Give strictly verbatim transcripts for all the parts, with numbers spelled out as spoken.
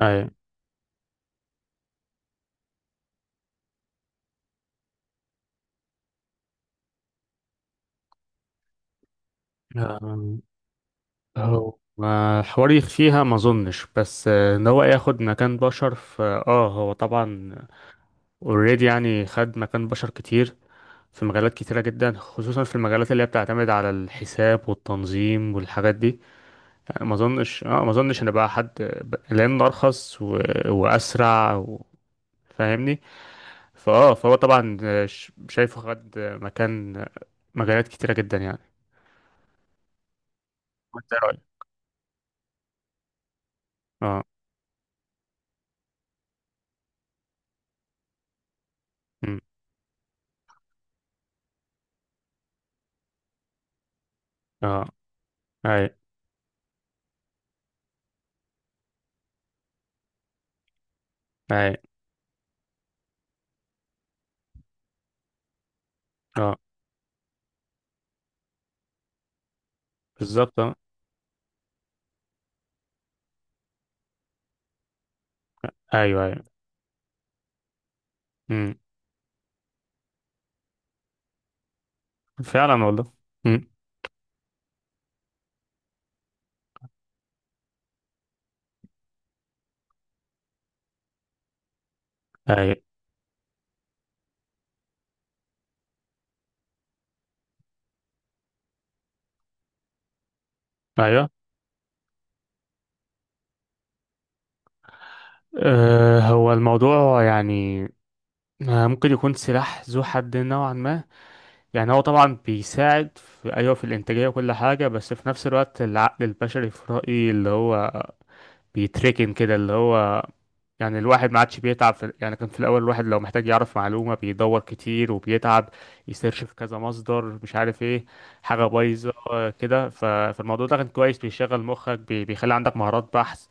اي. أم، هو ما حوار يخفيها، ما اظنش، بس آه، ان هو ياخد مكان بشر في اه هو طبعا اوريدي، يعني خد مكان بشر كتير في مجالات كتيرة جدا، خصوصا في المجالات اللي هي بتعتمد على الحساب والتنظيم والحاجات دي. يعني ما اظنش اه ما اظنش ان بقى حد ب- لان ارخص و... واسرع و... فاهمني. فاه فهو طبعا، آه، ش- شايفه خد مكان مجالات كتيرة جدا يعني. وانت إيه رأيك؟ اه. أمم، اه. اي. اي. اه، بالظبط اه. ايوه ايوه. امم، فعلا والله. امم. ايوه ايوه. أه هو الموضوع يعني آه، ممكن يكون سلاح ذو حد نوعا ما. يعني هو طبعا بيساعد في، ايوه، في الانتاجيه وكل حاجه، بس في نفس الوقت العقل البشري في رايي اللي هو بيتركن كده اللي هو، يعني الواحد ما عادش بيتعب في، يعني كان في الأول الواحد لو محتاج يعرف معلومة بيدور كتير وبيتعب يسيرش في كذا مصدر، مش عارف ايه، حاجة بايظة. آه، كده ف- فالموضوع ده كان كويس، بيشغل مخك، بي- بيخلي عندك مهارات بحث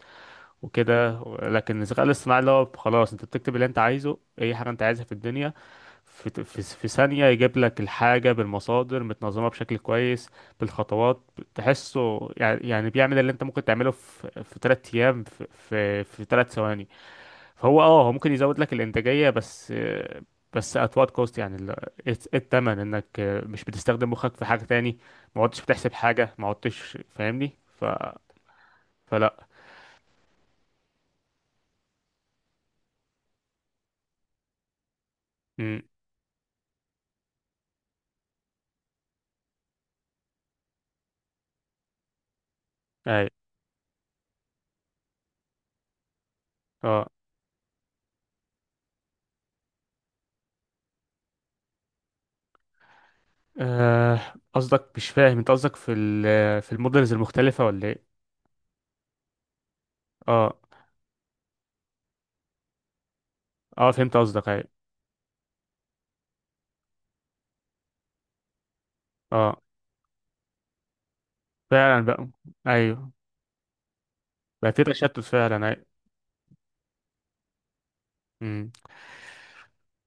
وكده و- لكن الذكاء الاصطناعي اللي هو خلاص انت بتكتب اللي انت عايزه، اي حاجة انت عايزها في الدنيا، في, في, في ثانية يجيب لك الحاجة بالمصادر متنظمة بشكل كويس، بالخطوات. تحسه يعني، يعني بيعمل اللي انت ممكن تعمله في في تلات ايام في في, في تلات ثواني. هو اه هو ممكن يزود لك الانتاجيه، بس آه، بس at what cost، يعني ال- ايه إيه التمن؟ انك آه، مش بتستخدم مخك في حاجه تاني، ما عدتش بتحسب حاجه، ما عدتش، فاهمني. ف فلا. امم. اي. اه آه، قصدك، مش فاهم انت قصدك في ال في المودلز المختلفه ولا ايه؟ اه. اه، فهمت قصدك. اي. اه، فعلا بقى. ايوه. بقى في تشتت فعلا. اي. امم.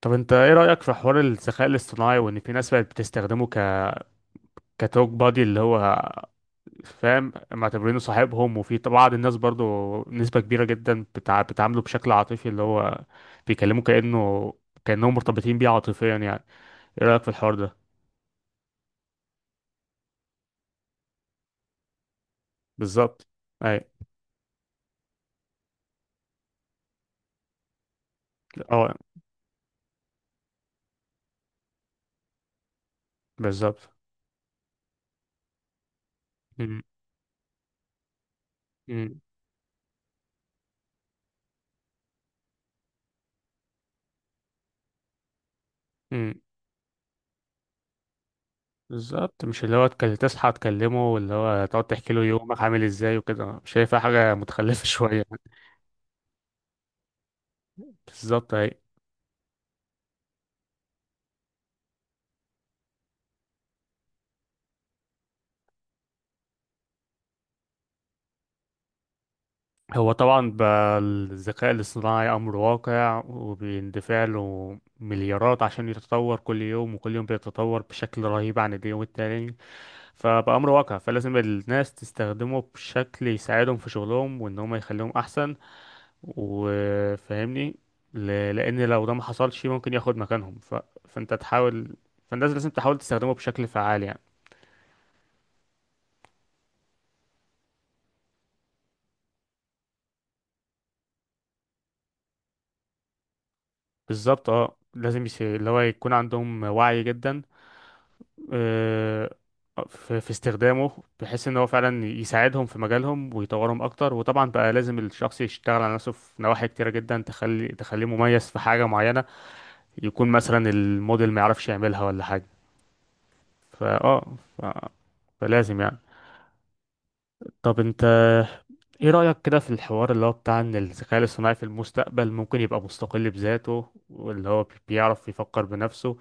طب انت ايه رايك في حوار الذكاء الاصطناعي، وان في ناس بقت بتستخدمه ك كتوك بادي اللي هو، فاهم، معتبرينه صاحبهم؟ وفي طب- بعض الناس برضو، نسبة كبيرة جدا بتع... بتعامله بشكل عاطفي اللي هو بيكلمه كأنه، كأنهم مرتبطين بيه عاطفيا. يعني ايه رأيك في الحوار ده؟ بالظبط. اي. اه، بالظبط. أمم، أمم، أمم. بالظبط، مش اللي هو تك- تصحى تكلمه، واللي هو تقعد تحكي له يومك عامل ازاي وكده. شايفها حاجة متخلفة شوية. بالظبط. اي. هو طبعا بقى الذكاء الاصطناعي أمر واقع، وبيندفع له مليارات عشان يتطور كل يوم، وكل يوم بيتطور بشكل رهيب عن اليوم التاني. فبقى أمر واقع، فلازم الناس تستخدمه بشكل يساعدهم في شغلهم، وإن هم يخليهم أحسن وفاهمني. ل- لأن لو ده ما حصلش ممكن ياخد مكانهم. ف... فأنت تحاول، فالناس لازم تحاول تستخدمه بشكل فعال يعني. بالظبط اه، لازم يس... اللي هو يكون عندهم وعي جدا آه، في في استخدامه، بحيث ان هو فعلا يساعدهم في مجالهم ويطورهم اكتر. وطبعا بقى لازم الشخص يشتغل على نفسه في نواحي كتيرة جدا، تخلي تخليه مميز في حاجة معينة، يكون مثلا الموديل ما يعرفش يعملها ولا حاجة. فاه ف... فلازم يعني. طب انت ايه رأيك كده في الحوار اللي هو بتاع ان الذكاء الاصطناعي في المستقبل ممكن يبقى مستقل بذاته، واللي هو بي- بيعرف يفكر بنفسه،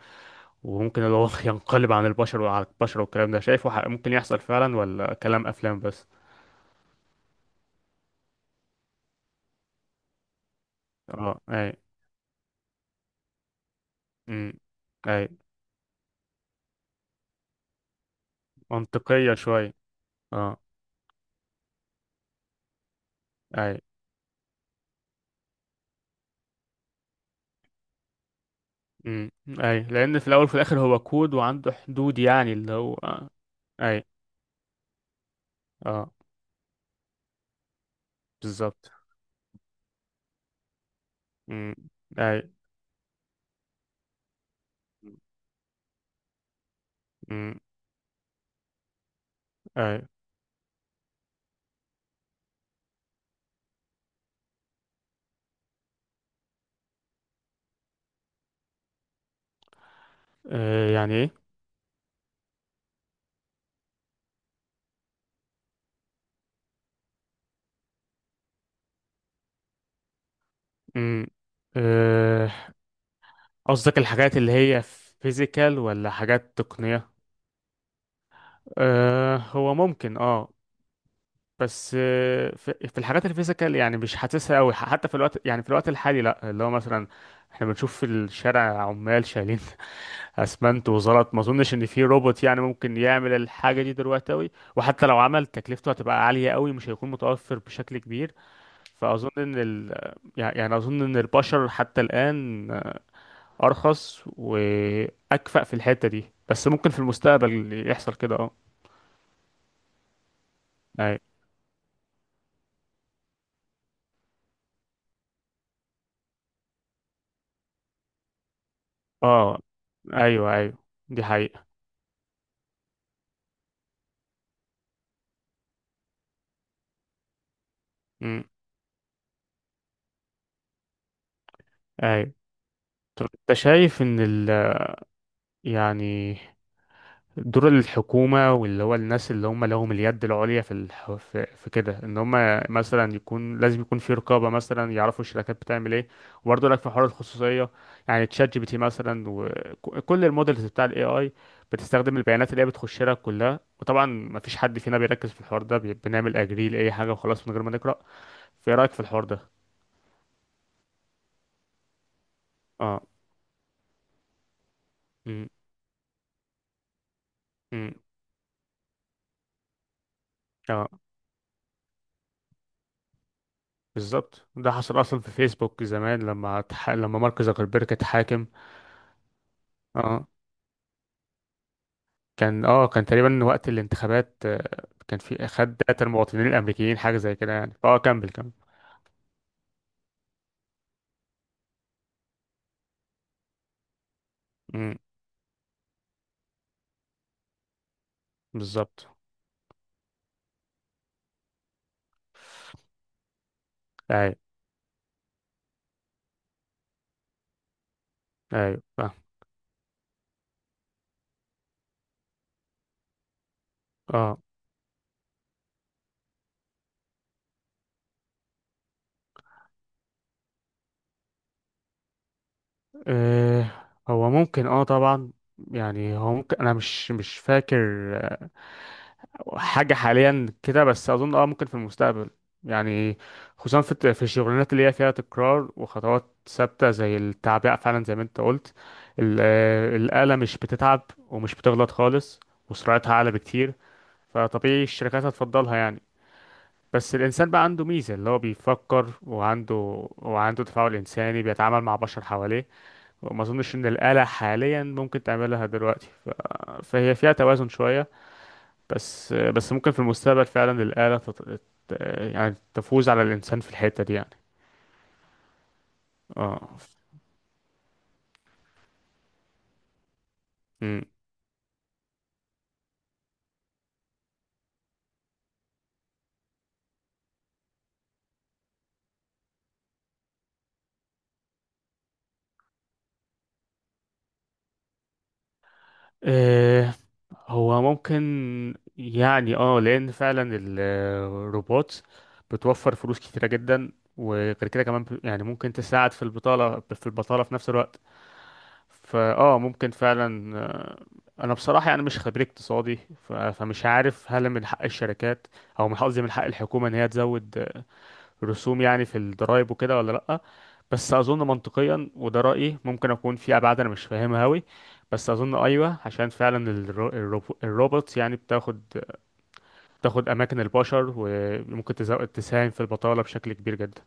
وممكن اللي هو ينقلب عن البشر وعلى البشر والكلام ده؟ شايفه ح- ممكن يحصل فعلا، ولا كلام افلام بس؟ اه. اي. امم. اي، منطقية شوية. اه. اي. امم. اي، لان في الاول وفي الاخر هو كود وعنده حدود يعني، اللي هو آه. اي. اه، بالظبط. امم. اي. امم. اي. آه يعني ايه؟ امم. آه، قصدك الحاجات اللي هي فيزيكال ولا حاجات تقنية؟ آه هو ممكن اه، بس آه، في في الحاجات الفيزيكال يعني مش حاسسها قوي، حتى في الوقت، يعني في الوقت الحالي لا. اللي هو مثلا احنا بنشوف في الشارع عمال شايلين اسمنت وزلط، ما اظنش ان في روبوت يعني ممكن يعمل الحاجه دي دلوقتي قوي، وحتى لو عمل تكلفته هتبقى عاليه قوي، مش هيكون متوفر بشكل كبير. فاظن ان ال... يعني يعني اظن ان البشر حتى الان ارخص واكفأ في الحته دي، بس ممكن في المستقبل يحصل كده اه. أي- اه. ايوه ايوه، دي حقيقه. ايوه. طب انت شايف ان ال، يعني دور الحكومة، واللي هو الناس اللي هم لهم اليد العليا في الح... في في كده، ان هم مثلا يكون لازم يكون في رقابة، مثلا يعرفوا الشركات بتعمل ايه؟ وبرضه لك في حوار الخصوصية يعني، تشات جي بي تي مثلا، وكل المودلز بتاع الاي اي بتستخدم البيانات اللي هي بتخش لها كلها. وطبعا ما فيش حد فينا بيركز في الحوار ده، بي- بنعمل اجري لاي حاجة وخلاص من غير ما نقرأ. في رايك في الحوار ده؟ اه. امم. امم. اه، بالظبط، ده حصل اصلا في فيسبوك زمان، لما تح... لما مارك زوكربيرج اتحاكم. اه. كان اه، كان تقريبا وقت الانتخابات، آه، كان في خد داتا المواطنين الامريكيين، حاجه زي كده يعني. فاه كمل كمل. امم. بالظبط. ايوه ايوه، فاهم. اه. آه، هو ممكن اه طبعا، يعني هو ممكن، انا مش مش فاكر حاجة حاليا كده، بس أظن اه ممكن في المستقبل يعني، خصوصا في الت- في الشغلانات اللي هي فيها تكرار وخطوات ثابتة زي التعبئة، فعلا زي ما انت قلت، ال- آه، الآلة مش بتتعب، ومش بتغلط خالص، وسرعتها أعلى بكتير، فطبيعي الشركات هتفضلها يعني. بس الإنسان بقى عنده ميزة، اللي هو بيفكر، وعنده وعنده تفاعل إنساني، بيتعامل مع بشر حواليه، وما أظنش إن الآلة حاليا ممكن تعملها دلوقتي. ف... فهي فيها توازن شوية، بس بس ممكن في المستقبل فعلا الآلة تط... ت- يعني تفوز على الإنسان في الحتة دي يعني. اه. مم. آه، هو ممكن يعني اه، لأن فعلا ال- الروبوت بتوفر فلوس كتيرة جدا، وغير كده كمان ب- يعني ممكن تساعد في البطالة في البطالة في نفس الوقت. فاه ممكن فعلا آه، أنا بصراحة يعني مش خبير اقتصادي، ف- فمش عارف هل من حق الشركات، أو من حق- قصدي من حق الحكومة إن هي تزود رسوم يعني في الضرايب وكده ولا لأ. بس أظن منطقيا، وده رأيي، ممكن أكون في أبعاد أنا مش فاهمها أوي، بس أظن أيوه، عشان فعلا الرو... الرو... الروبوت يعني بتاخد بتاخد أماكن البشر، وممكن تزو... تساهم في البطالة بشكل كبير جدا.